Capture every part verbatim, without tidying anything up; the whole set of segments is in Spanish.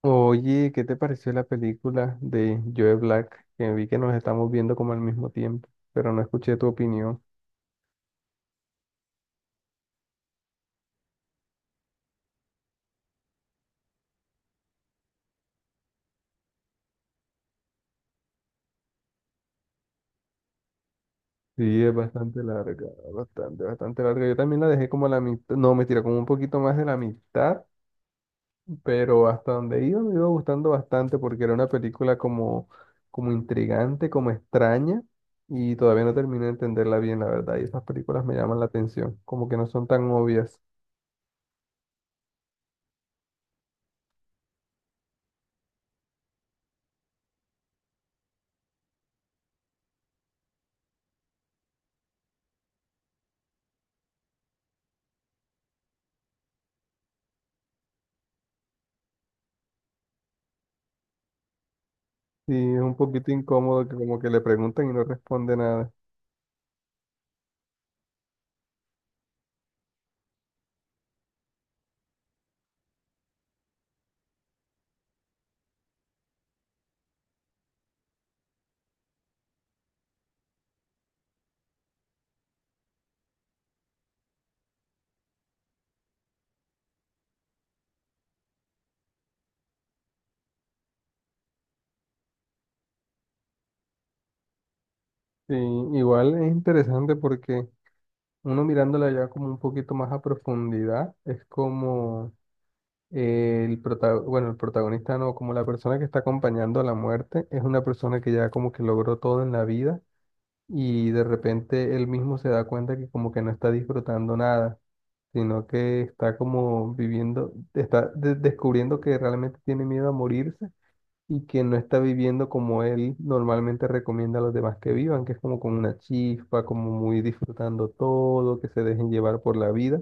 Oye, ¿qué te pareció la película de Joe Black? Que vi que nos estamos viendo como al mismo tiempo, pero no escuché tu opinión. Sí, es bastante larga, bastante, bastante larga. Yo también la dejé como a la mitad, no, me mentira, como un poquito más de la mitad, pero hasta donde iba me iba gustando bastante porque era una película como, como intrigante, como extraña, y todavía no terminé de entenderla bien, la verdad. Y esas películas me llaman la atención, como que no son tan obvias. Sí, es un poquito incómodo que como que le preguntan y no responde nada. Sí, igual es interesante porque uno mirándola ya como un poquito más a profundidad, es como eh, el prota- bueno, el protagonista no, como la persona que está acompañando a la muerte, es una persona que ya como que logró todo en la vida y de repente él mismo se da cuenta que como que no está disfrutando nada, sino que está como viviendo, está de- descubriendo que realmente tiene miedo a morirse y que no está viviendo como él normalmente recomienda a los demás que vivan, que es como con una chispa, como muy disfrutando todo, que se dejen llevar por la vida,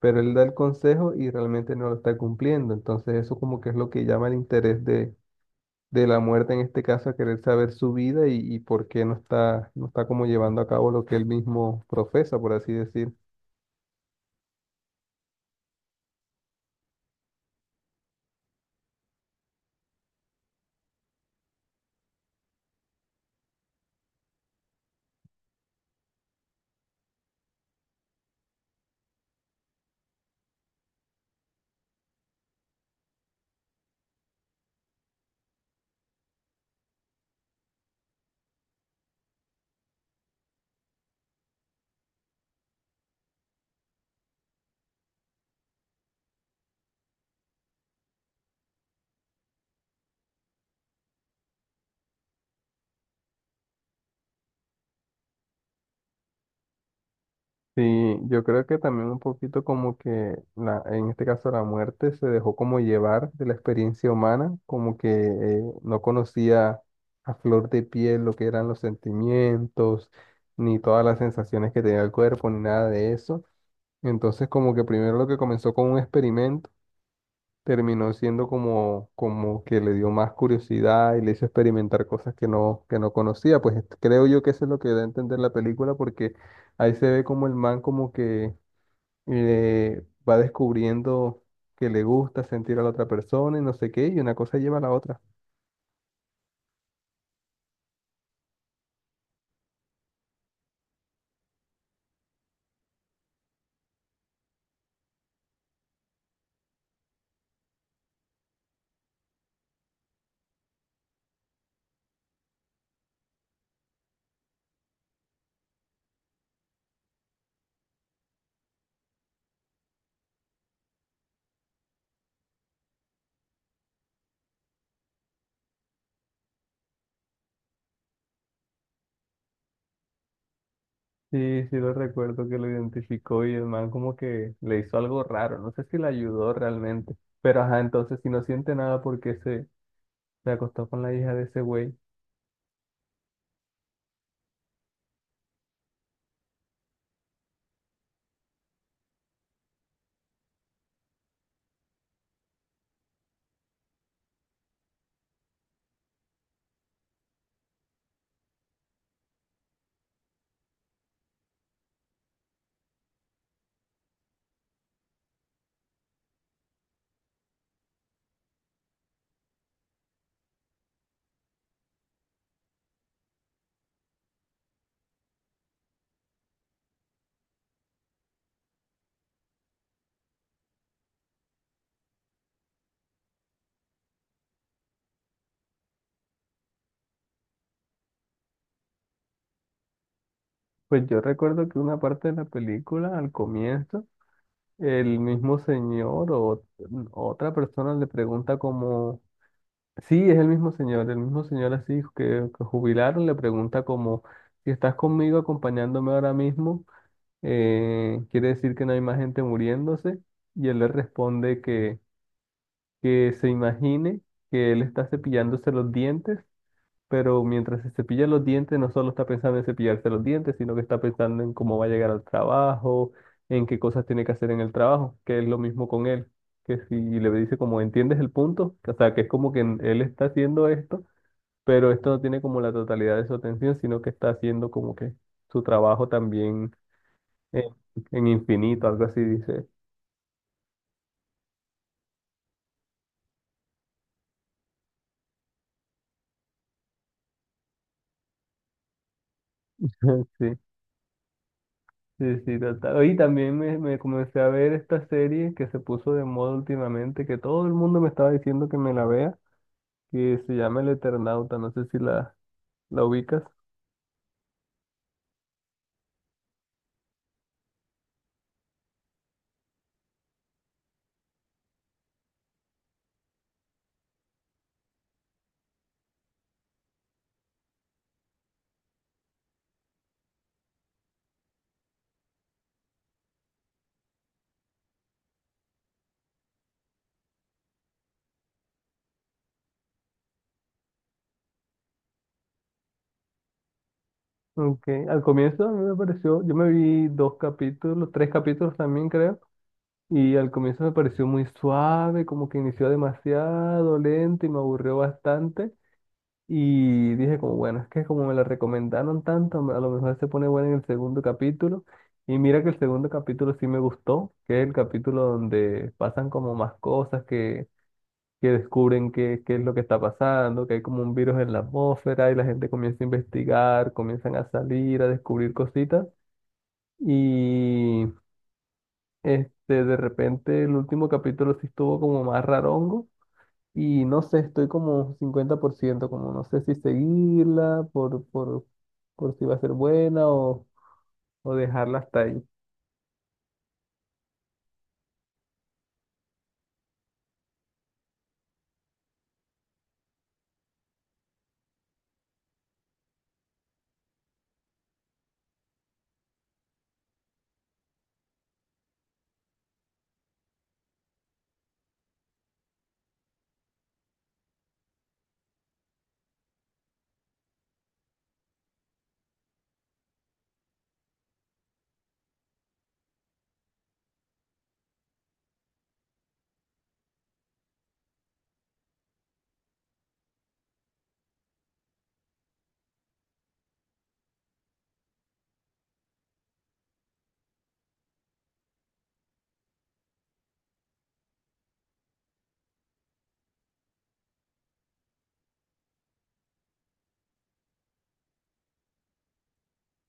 pero él da el consejo y realmente no lo está cumpliendo. Entonces eso como que es lo que llama el interés de, de la muerte en este caso, a querer saber su vida y, y por qué no está, no está como llevando a cabo lo que él mismo profesa, por así decir. Sí, yo creo que también un poquito como que la, en este caso la muerte se dejó como llevar de la experiencia humana, como que eh, no conocía a flor de piel lo que eran los sentimientos, ni todas las sensaciones que tenía el cuerpo, ni nada de eso. Entonces como que primero lo que comenzó con un experimento terminó siendo como, como que le dio más curiosidad y le hizo experimentar cosas que no, que no conocía. Pues creo yo que eso es lo que da a entender la película porque ahí se ve como el man como que eh, va descubriendo que le gusta sentir a la otra persona y no sé qué, y una cosa lleva a la otra. Sí, sí lo recuerdo que lo identificó y el man como que le hizo algo raro, no sé si le ayudó realmente, pero ajá, entonces si no siente nada porque se, se acostó con la hija de ese güey. Pues yo recuerdo que una parte de la película, al comienzo, el mismo señor o ot- otra persona le pregunta como. Sí, es el mismo señor, el mismo señor así que, que jubilaron, le pregunta como, si estás conmigo acompañándome ahora mismo, eh, quiere decir que no hay más gente muriéndose, y él le responde que, que se imagine que él está cepillándose los dientes, pero mientras se cepilla los dientes no solo está pensando en cepillarse los dientes, sino que está pensando en cómo va a llegar al trabajo, en qué cosas tiene que hacer en el trabajo, que es lo mismo con él, que si le dice como, ¿entiendes el punto? O sea, que es como que él está haciendo esto pero esto no tiene como la totalidad de su atención, sino que está haciendo como que su trabajo también en, en infinito, algo así dice. Sí, sí, sí, total. Y también me, me comencé a ver esta serie que se puso de moda últimamente, que todo el mundo me estaba diciendo que me la vea, que se llama El Eternauta, no sé si la, la ubicas. Aunque al comienzo a mí me pareció, yo me vi dos capítulos, tres capítulos también creo. Y al comienzo me pareció muy suave, como que inició demasiado lento y me aburrió bastante. Y dije como, bueno, es que como me la recomendaron tanto, a lo mejor se pone buena en el segundo capítulo. Y mira que el segundo capítulo sí me gustó, que es el capítulo donde pasan como más cosas, que, que descubren qué, qué es lo que está pasando, que hay como un virus en la atmósfera y la gente comienza a investigar, comienzan a salir, a descubrir cositas. Y este, de repente el último capítulo sí estuvo como más rarongo y no sé, estoy como cincuenta por ciento, como no sé si seguirla por, por, por si va a ser buena o, o dejarla hasta ahí.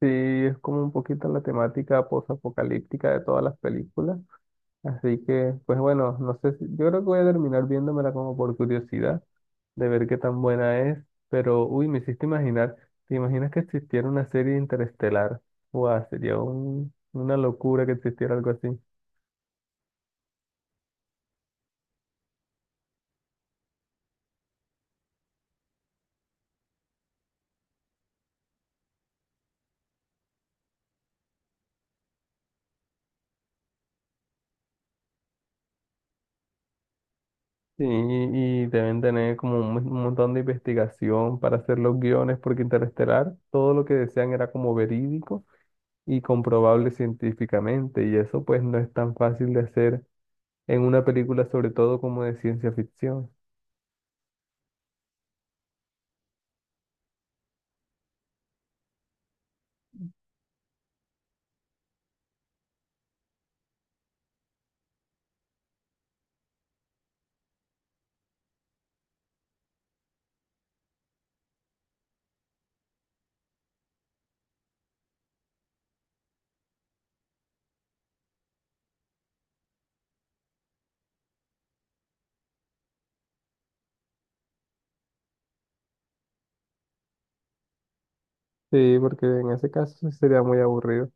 Sí, es como un poquito la temática posapocalíptica de todas las películas. Así que, pues bueno, no sé si- yo creo que voy a terminar viéndomela como por curiosidad, de ver qué tan buena es, pero uy, me hiciste imaginar, ¿te imaginas que existiera una serie interestelar? Guau, sería un- una locura que existiera algo así. Sí, y deben tener como un, mon- un montón de investigación para hacer los guiones, porque Interestelar, todo lo que decían era como verídico y comprobable científicamente, y eso pues no es tan fácil de hacer en una película, sobre todo como de ciencia ficción. Sí, porque en ese caso sí sería muy aburrido.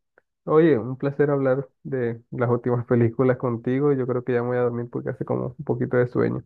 Oye, un placer hablar de las últimas películas contigo. Yo creo que ya me voy a dormir porque hace como un poquito de sueño.